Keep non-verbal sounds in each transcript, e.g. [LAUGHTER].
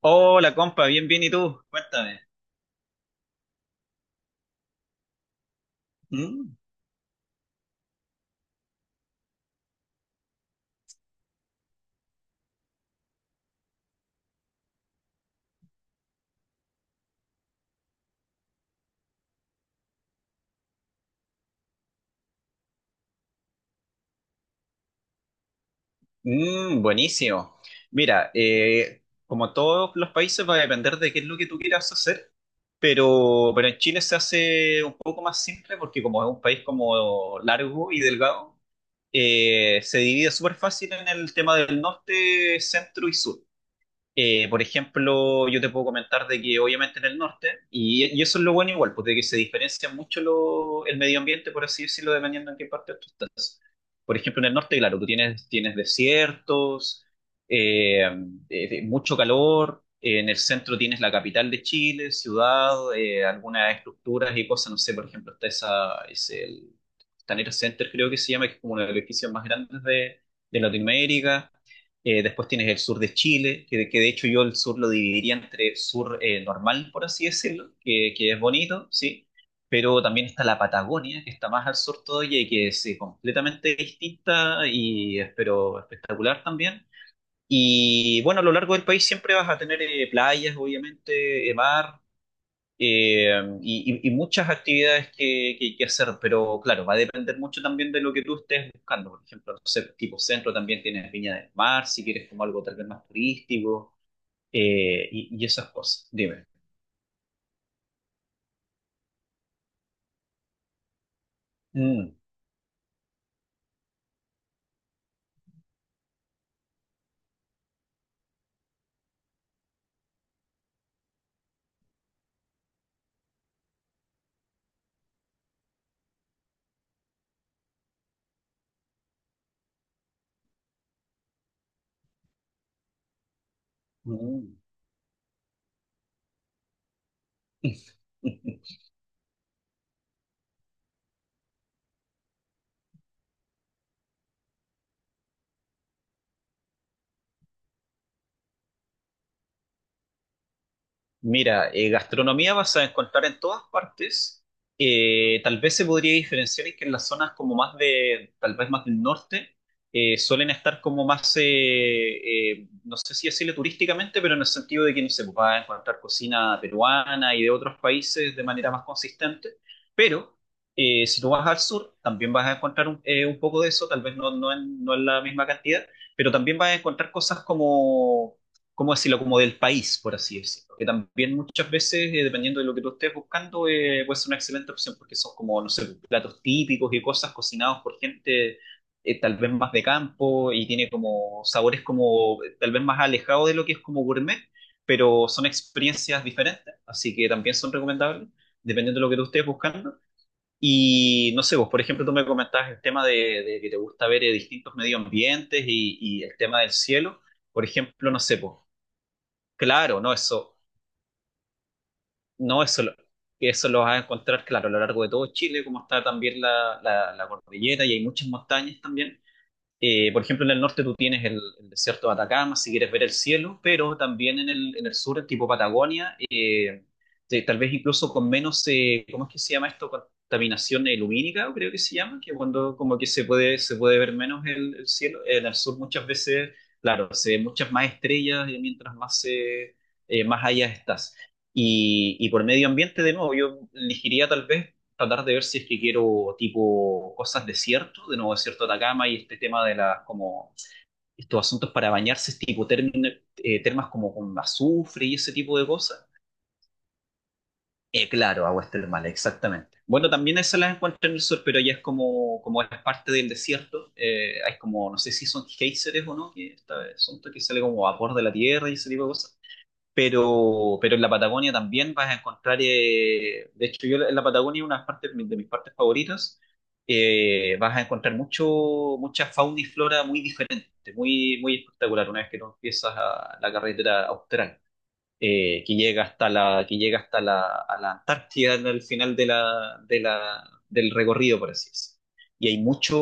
Hola, compa, bien, bien, ¿y tú? Cuéntame. Mm, mm, buenísimo. Mira, como todos los países va a depender de qué es lo que tú quieras hacer, pero en Chile se hace un poco más simple porque como es un país como largo y delgado, se divide súper fácil en el tema del norte, centro y sur. Por ejemplo, yo te puedo comentar de que obviamente en el norte, y eso es lo bueno igual, porque que se diferencia mucho el medio ambiente, por así decirlo, dependiendo en qué parte tú estás. Por ejemplo, en el norte, claro, tú tienes desiertos, eh, mucho calor, en el centro tienes la capital de Chile, ciudad, algunas estructuras y cosas, no sé, por ejemplo, está esa, es el Costanera Center, creo que se llama, que es como uno de los edificios más grandes de Latinoamérica. Después tienes el sur de Chile, que de hecho yo el sur lo dividiría entre sur normal, por así decirlo, que es bonito, sí, pero también está la Patagonia, que está más al sur todavía y que es completamente distinta y es, pero espectacular también. Y bueno, a lo largo del país siempre vas a tener playas, obviamente, mar, eh, y muchas actividades que hacer, pero claro, va a depender mucho también de lo que tú estés buscando. Por ejemplo, no sé, tipo centro también tienes Viña del Mar, si quieres como algo tal vez más turístico, y esas cosas. Dime. Mm, mm. [LAUGHS] Mira, gastronomía vas a encontrar en todas partes. Tal vez se podría diferenciar en que en las zonas como más de, tal vez más del norte, suelen estar como más, no sé si decirle turísticamente, pero en el sentido de que no se sé, va a encontrar cocina peruana y de otros países de manera más consistente. Pero si tú vas al sur, también vas a encontrar un poco de eso, tal vez no en la misma cantidad, pero también vas a encontrar cosas como ¿cómo decirlo? Como del país, por así decirlo. Que también muchas veces, dependiendo de lo que tú estés buscando, puede ser una excelente opción porque son como, no sé, platos típicos y cosas cocinados por gente tal vez más de campo y tiene como sabores como tal vez más alejados de lo que es como gourmet, pero son experiencias diferentes, así que también son recomendables, dependiendo de lo que tú estés buscando. Y no sé, vos, por ejemplo, tú me comentabas el tema de que te gusta ver distintos medio ambientes y el tema del cielo. Por ejemplo, no sé, pues, claro, no, eso, no, eso lo vas a encontrar, claro, a lo largo de todo Chile, como está también la cordillera y hay muchas montañas también. Por ejemplo, en el norte tú tienes el desierto de Atacama, si quieres ver el cielo, pero también en el sur, el tipo Patagonia, tal vez incluso con menos, ¿cómo es que se llama esto? Contaminación lumínica, creo que se llama, que cuando como que se puede ver menos el cielo. En el sur muchas veces, claro, se ven muchas más estrellas y mientras más, más allá estás. Y por medio ambiente, de nuevo, yo elegiría tal vez tratar de ver si es que quiero tipo cosas desierto, de nuevo desierto de Atacama y este tema de las como estos asuntos para bañarse, tipo termas como con azufre y ese tipo de cosas. Claro, aguas termales, exactamente. Bueno, también esas las encuentro en el sur, pero ya es como, como es parte del desierto. Hay como, no sé si son geysers o no, que esta vez son que sale como vapor de la tierra y ese tipo de cosas. Pero en la Patagonia también vas a encontrar, de hecho yo en la Patagonia una parte de mis partes favoritas, vas a encontrar mucha fauna y flora muy diferente, muy, muy espectacular una vez que tú empiezas a la carretera austral, que llega hasta la, que llega hasta la, a la Antártida al final del recorrido, por así decirlo. Y hay mucho,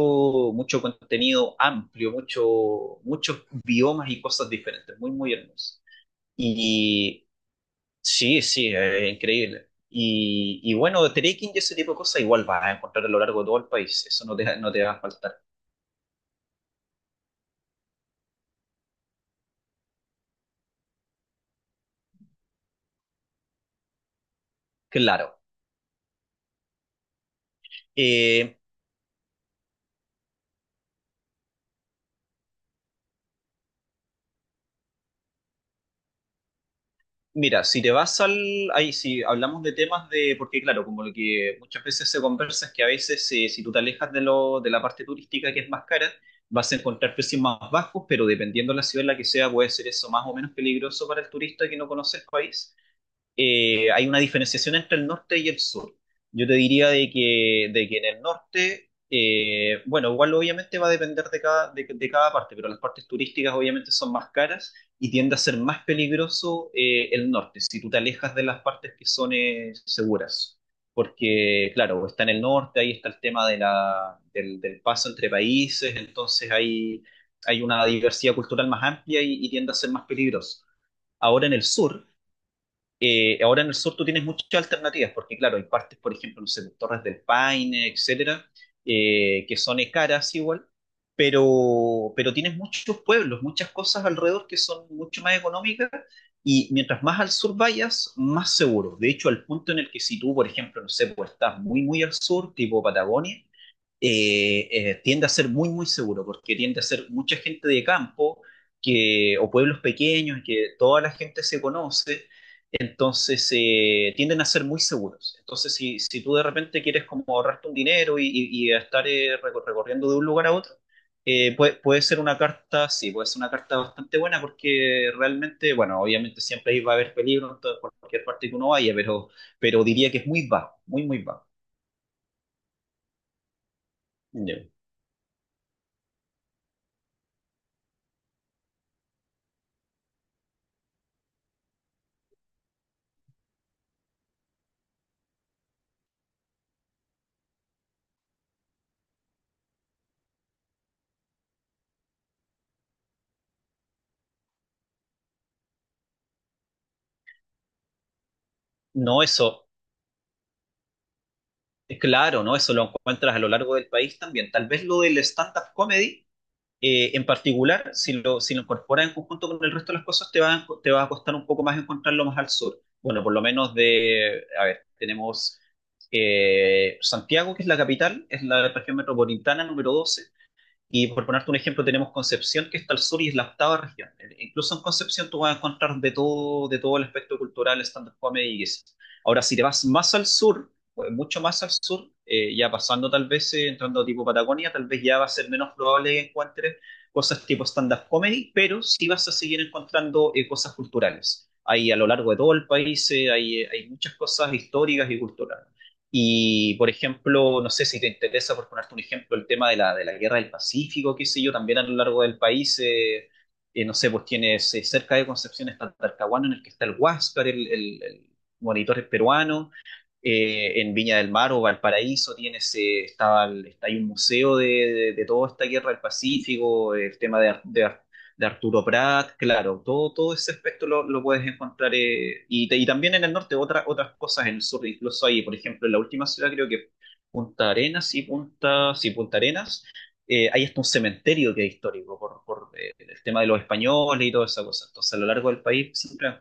mucho contenido amplio, muchos biomas y cosas diferentes, muy, muy hermoso. Y Sí, sí, es increíble. Y bueno, de trekking y ese tipo de cosas igual vas a encontrar a lo largo de todo el país, eso no te va a faltar. Claro. Eh, Mira, si te vas al... Ahí si hablamos de temas de... Porque claro, como lo que muchas veces se conversa es que a veces si tú te alejas de la parte turística que es más cara, vas a encontrar precios más bajos, pero dependiendo de la ciudad en la que sea, puede ser eso más o menos peligroso para el turista que no conoce el país. Hay una diferenciación entre el norte y el sur. Yo te diría de que en el norte, bueno, igual obviamente va a depender de cada parte, pero las partes turísticas obviamente son más caras y tiende a ser más peligroso el norte, si tú te alejas de las partes que son seguras. Porque, claro, está en el norte, ahí está el tema de del paso entre países, entonces hay una diversidad cultural más amplia y tiende a ser más peligroso. Ahora en el sur, ahora en el sur tú tienes muchas alternativas, porque claro, hay partes, por ejemplo, no sé, pues, Torres del Paine, etcétera, que son caras igual, pero tienes muchos pueblos, muchas cosas alrededor que son mucho más económicas y mientras más al sur vayas, más seguro. De hecho, al punto en el que si tú, por ejemplo, no sé, pues estás muy, muy al sur, tipo Patagonia, tiende a ser muy, muy seguro, porque tiende a ser mucha gente de campo que, o pueblos pequeños que toda la gente se conoce, entonces tienden a ser muy seguros. Entonces, si, si tú de repente quieres como ahorrarte un dinero y estar recorriendo de un lugar a otro, eh, puede ser una carta, sí, puede ser una carta bastante buena porque realmente, bueno, obviamente siempre ahí va a haber peligro en todo, por cualquier parte que uno vaya, pero diría que es muy bajo, muy, muy bajo. Ya. No, eso es claro, ¿no? Eso lo encuentras a lo largo del país también. Tal vez lo del stand-up comedy en particular, si lo, si lo incorporas en conjunto con el resto de las cosas, te va, te va a costar un poco más encontrarlo más al sur. Bueno, por lo menos de, a ver, tenemos Santiago, que es la capital, es la región metropolitana número 12. Y por ponerte un ejemplo, tenemos Concepción, que está al sur y es la octava región. Incluso en Concepción tú vas a encontrar de todo el aspecto cultural, stand-up comedy y eso. Ahora, si te vas más al sur, pues, mucho más al sur, ya pasando tal vez, entrando tipo Patagonia, tal vez ya va a ser menos probable que encuentres cosas tipo stand-up comedy, pero sí vas a seguir encontrando cosas culturales. Hay a lo largo de todo el país, hay, hay muchas cosas históricas y culturales. Y, por ejemplo, no sé si te interesa, por ponerte un ejemplo, el tema de la guerra del Pacífico, qué sé yo, también a lo largo del país, no sé, pues tienes cerca de Concepción está Talcahuano, en el que está el Huáscar, el, el monitor peruano, en Viña del Mar o Valparaíso tienes, estaba, está ahí un museo de, de toda esta guerra del Pacífico, el tema de, de Arturo Prat, claro, todo, todo ese aspecto lo puedes encontrar y, y también en el norte otras cosas en el sur, incluso ahí, por ejemplo, en la última ciudad creo que Punta Arenas y Punta, sí, Punta Arenas, hay hasta un cementerio que es histórico por, el tema de los españoles y toda esa cosa. Entonces, a lo largo del país siempre vas.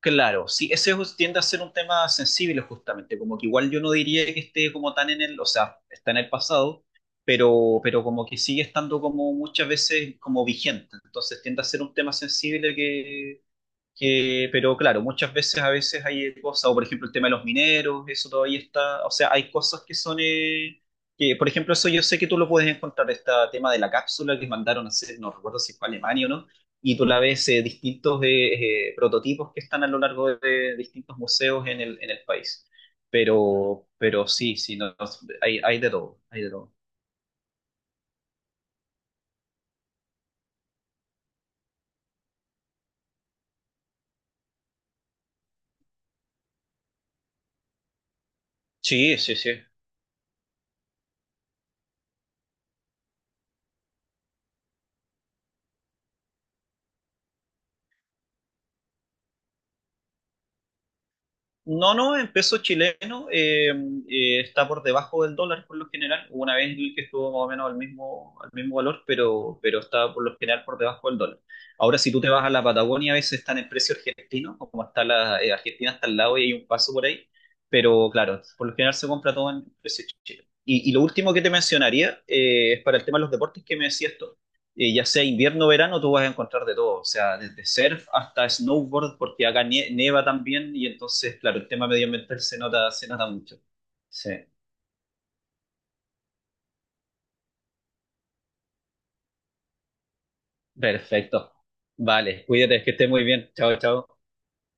Claro, sí, tiende a ser un tema sensible justamente, como que igual yo no diría que esté como tan en el, o sea, está en el pasado, pero como que sigue estando como muchas veces como vigente, entonces tiende a ser un tema sensible pero claro, muchas veces a veces hay cosas, o por ejemplo el tema de los mineros, eso todavía está, o sea, hay cosas que son, que por ejemplo eso yo sé que tú lo puedes encontrar, este tema de la cápsula que mandaron a hacer, no recuerdo si fue a Alemania o no, y tú la ves distintos prototipos que están a lo largo de distintos museos en el país. Pero sí, sí, no, no, hay de todo, hay de todo. Sí, sí, sí. No, no, en peso chileno está por debajo del dólar por lo general. Hubo una vez que estuvo más o menos al mismo valor, pero, está por lo general por debajo del dólar. Ahora, si tú te vas a la Patagonia, a veces están en precio argentino, como está la Argentina, está al lado y hay un paso por ahí. Pero claro, por lo general se compra todo en precio chileno. Y lo último que te mencionaría es para el tema de los deportes que me decías tú ya sea invierno o verano, tú vas a encontrar de todo, o sea, desde surf hasta snowboard, porque acá nieva también y entonces, claro, el tema medioambiental se nota mucho. Sí, perfecto. Vale, cuídate, que estés muy bien. Chao, chao.